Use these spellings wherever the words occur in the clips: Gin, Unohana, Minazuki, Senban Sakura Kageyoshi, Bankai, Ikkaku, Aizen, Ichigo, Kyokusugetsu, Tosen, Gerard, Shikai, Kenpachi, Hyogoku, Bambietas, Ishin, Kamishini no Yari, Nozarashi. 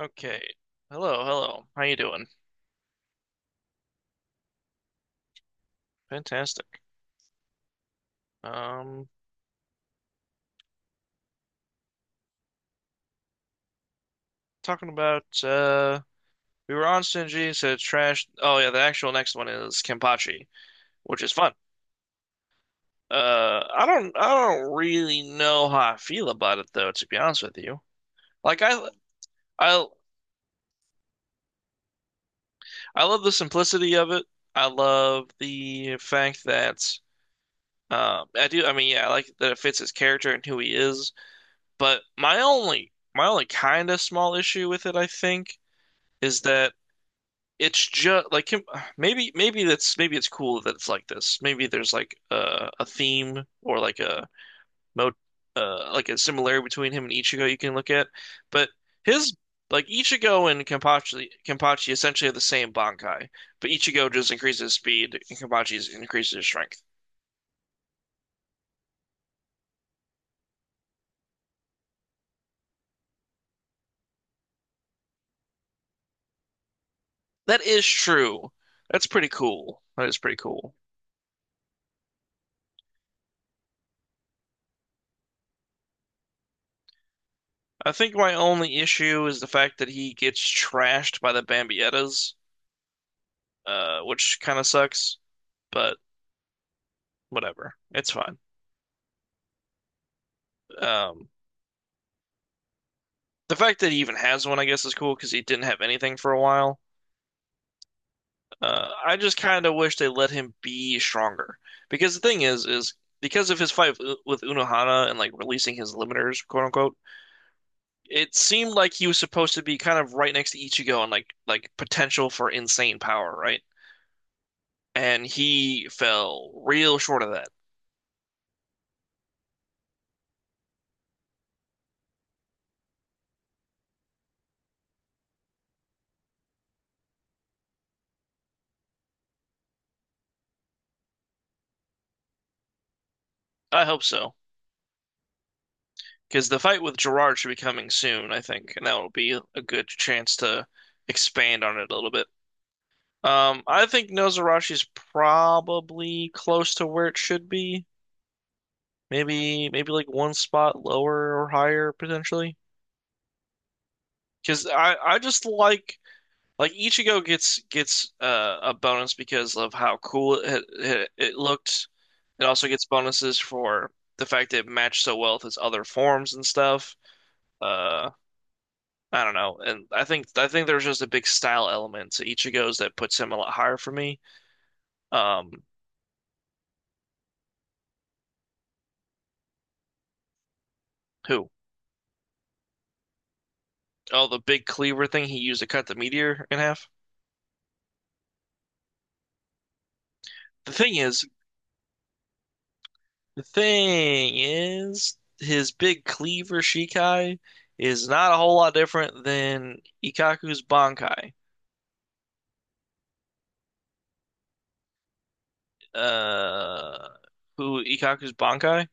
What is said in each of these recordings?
Okay. Hello, hello. How you doing? Fantastic. Um, talking about we were on Shinji, said trash. Oh yeah, the actual next one is Kenpachi, which is fun. I don't really know how I feel about it though, to be honest with you. Like I I love the simplicity of it. I love the fact that I do I mean yeah, I like that it fits his character and who he is, but my only kind of small issue with it, I think, is that it's just like him- maybe that's maybe it's cool that it's like this. Maybe there's like a theme or like a mo like a similarity between him and Ichigo you can look at. But his like Ichigo and Kenpachi essentially have the same Bankai, but Ichigo just increases his speed and Kenpachi's increases his strength. That is true. That's pretty cool. That is pretty cool. I think my only issue is the fact that he gets trashed by the Bambietas, which kind of sucks. But whatever. It's fine. Um, the fact that he even has one, I guess, is cool because he didn't have anything for a while. I just kind of wish they let him be stronger because the thing is because of his fight with Unohana and like releasing his limiters, quote unquote, it seemed like he was supposed to be kind of right next to Ichigo and like potential for insane power, right? And he fell real short of that. I hope so because the fight with Gerard should be coming soon, I think, and that will be a good chance to expand on it a little bit. I think Nozarashi's probably close to where it should be. Maybe like one spot lower or higher potentially. Because I just like Ichigo gets a bonus because of how cool it it looked. It also gets bonuses for the fact that it matched so well with his other forms and stuff. Uh, I don't know, and I think there's just a big style element to Ichigo's that puts him a lot higher for me. Um, who? Oh, the big cleaver thing he used to cut the meteor in half. The thing is, the thing is, his big cleaver Shikai is not a whole lot different than Ikkaku's Bankai. Uh, who Ikkaku's Bankai?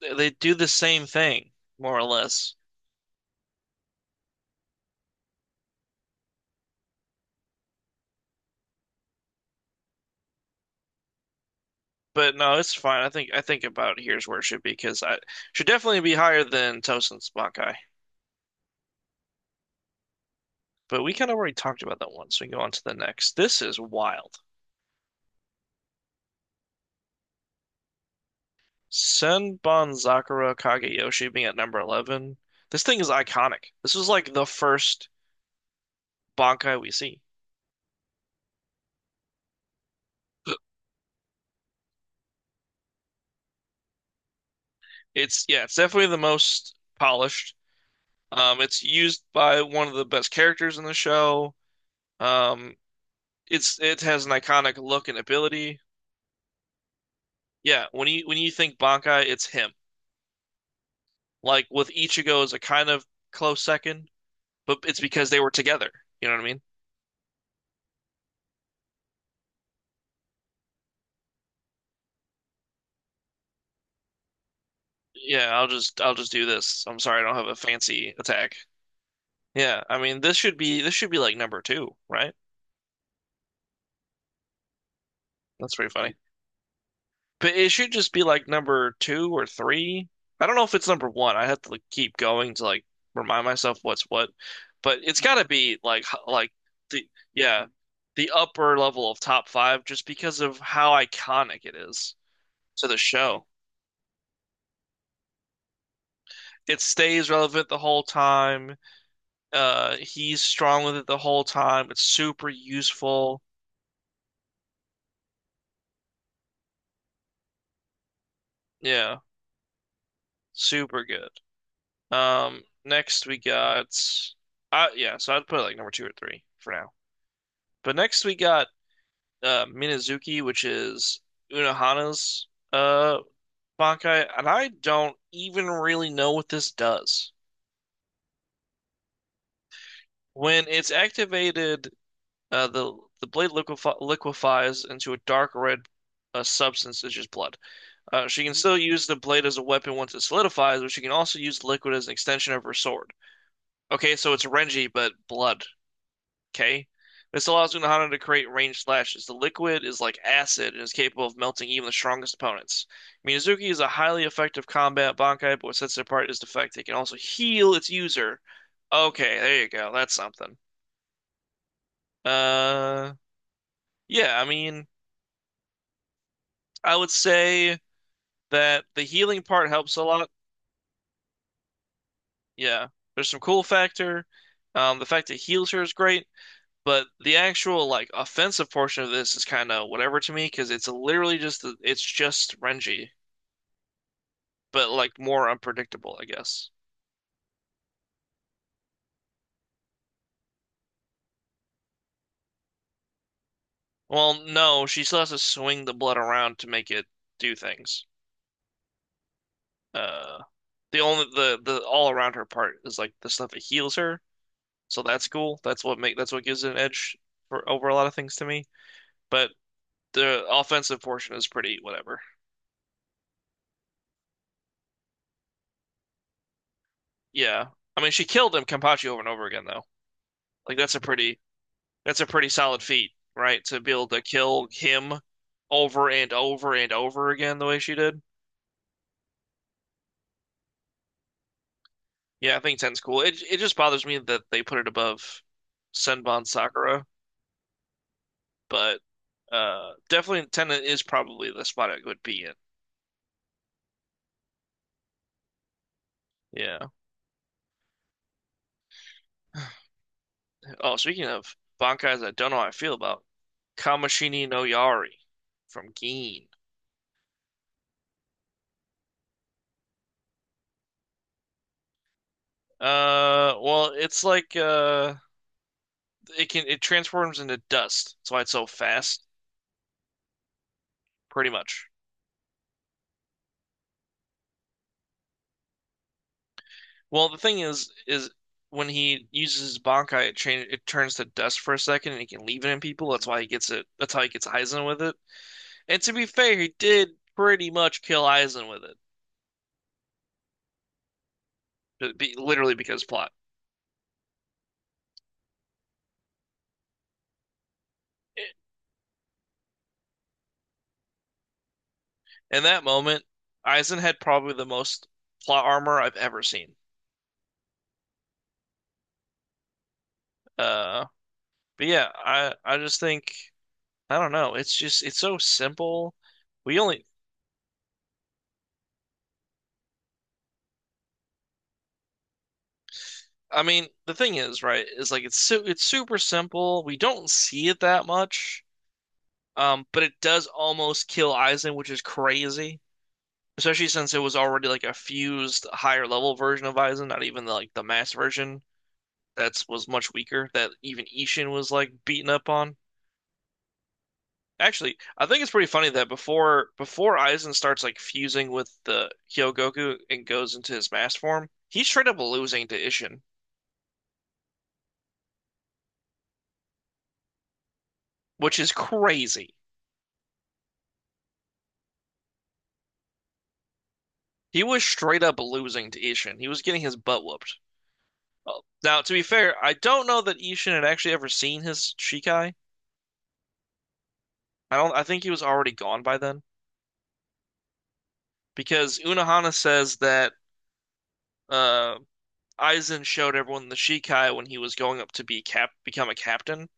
They do the same thing, more or less. But no, it's fine. I think about here's where it should be because I should definitely be higher than Tosen's Bankai. But we kind of already talked about that one, so we can go on to the next. This is wild. Senban Sakura Kageyoshi being at number 11. This thing is iconic. This was like the first Bankai we see. It's yeah, it's definitely the most polished. It's used by one of the best characters in the show. Um, it has an iconic look and ability. Yeah, when you think Bankai, it's him. Like with Ichigo is a kind of close second, but it's because they were together. You know what I mean? Yeah, I'll just do this. I'm sorry, I don't have a fancy attack. Yeah, I mean this should be like number two, right? That's pretty funny. But it should just be like number two or three. I don't know if it's number one. I have to like, keep going to like remind myself what's what. But it's got to be like the yeah the upper level of top five just because of how iconic it is to the show. It stays relevant the whole time. He's strong with it the whole time. It's super useful. Yeah, super good. Um, next we got, yeah, so I'd put it like number two or three for now. But next we got Minazuki, which is Unohana's Bankai, and I don't even really know what this does. When it's activated, the blade liquefies into a dark red substance, such as blood. She can still use the blade as a weapon once it solidifies, but she can also use liquid as an extension of her sword. Okay, so it's Renji, but blood. Okay. This allows Unohana to create ranged slashes. The liquid is like acid and is capable of melting even the strongest opponents. Miyazuki is a highly effective combat Bankai, but what sets it apart is the fact that it can also heal its user. Okay, there you go. That's something. Uh, yeah, I mean, I would say that the healing part helps a lot. Yeah. There's some cool factor. The fact that it heals her is great. But the actual like offensive portion of this is kind of whatever to me because it's just Renji, but like more unpredictable, I guess. Well, no, she still has to swing the blood around to make it do things. Uh, the all around her part is like the stuff that heals her, so that's cool. That's what gives it an edge for over a lot of things to me. But the offensive portion is pretty whatever. Yeah, I mean she killed him Kenpachi over and over again though. Like that's a pretty That's a pretty solid feat, right? To be able to kill him over and over and over again the way she did. Yeah, I think Ten's cool. It just bothers me that they put it above Senbon Sakura, but definitely Ten is probably the spot it would be in. Yeah. Oh, speaking of bankais, I don't know how I feel about Kamishini no Yari from Gin. Well, it's like it transforms into dust. That's why it's so fast, pretty much. Well, the thing is when he uses his Bankai, it turns to dust for a second, and he can leave it in people. That's why he gets it. That's how he gets Aizen with it. And to be fair, he did pretty much kill Aizen with it, literally because plot. In that moment, Aizen had probably the most plot armor I've ever seen. Uh, but yeah, I just think I don't know. It's just it's so simple. We only. I mean, the thing is, right, is like it's super simple. We don't see it that much. But it does almost kill Aizen, which is crazy, especially since it was already like a fused higher level version of Aizen, not like the mass version that was much weaker that even Ishin was like beaten up on. Actually, I think it's pretty funny that before Aizen starts like fusing with the Hyogoku and goes into his mass form, he's straight up losing to Ishin, which is crazy. He was straight up losing to Ishin. He was getting his butt whooped. Now, to be fair, I don't know that Ishin had actually ever seen his Shikai. I don't. I think he was already gone by then because Unohana says that uh, Aizen showed everyone the Shikai when he was going up to be cap become a captain,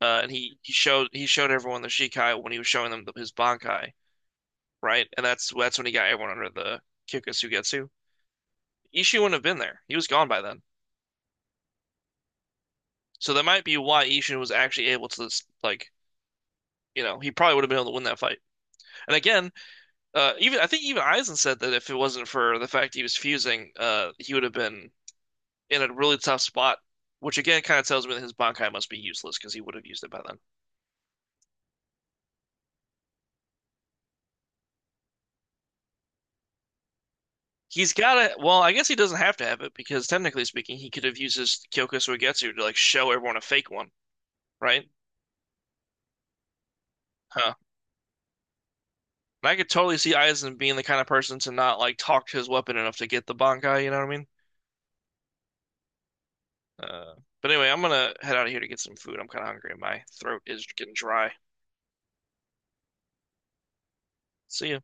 and he showed everyone the Shikai when he was showing them his Bankai, right? And that's when he got everyone under the Kyokusugetsu. Ishin wouldn't have been there. He was gone by then, so that might be why Ishin was actually able to like you know he probably would have been able to win that fight. And again, even I think even Eisen said that if it wasn't for the fact he was fusing, he would have been in a really tough spot, which again kind of tells me that his Bankai must be useless because he would have used it by then. He's got it. Well, I guess he doesn't have to have it because technically speaking, he could have used his Kyoko Suigetsu to like show everyone a fake one, right? Huh. And I could totally see Eisen being the kind of person to not like talk to his weapon enough to get the Bankai. You know what I mean? Uh, but anyway, I'm gonna head out of here to get some food. I'm kind of hungry. My throat is getting dry. See ya.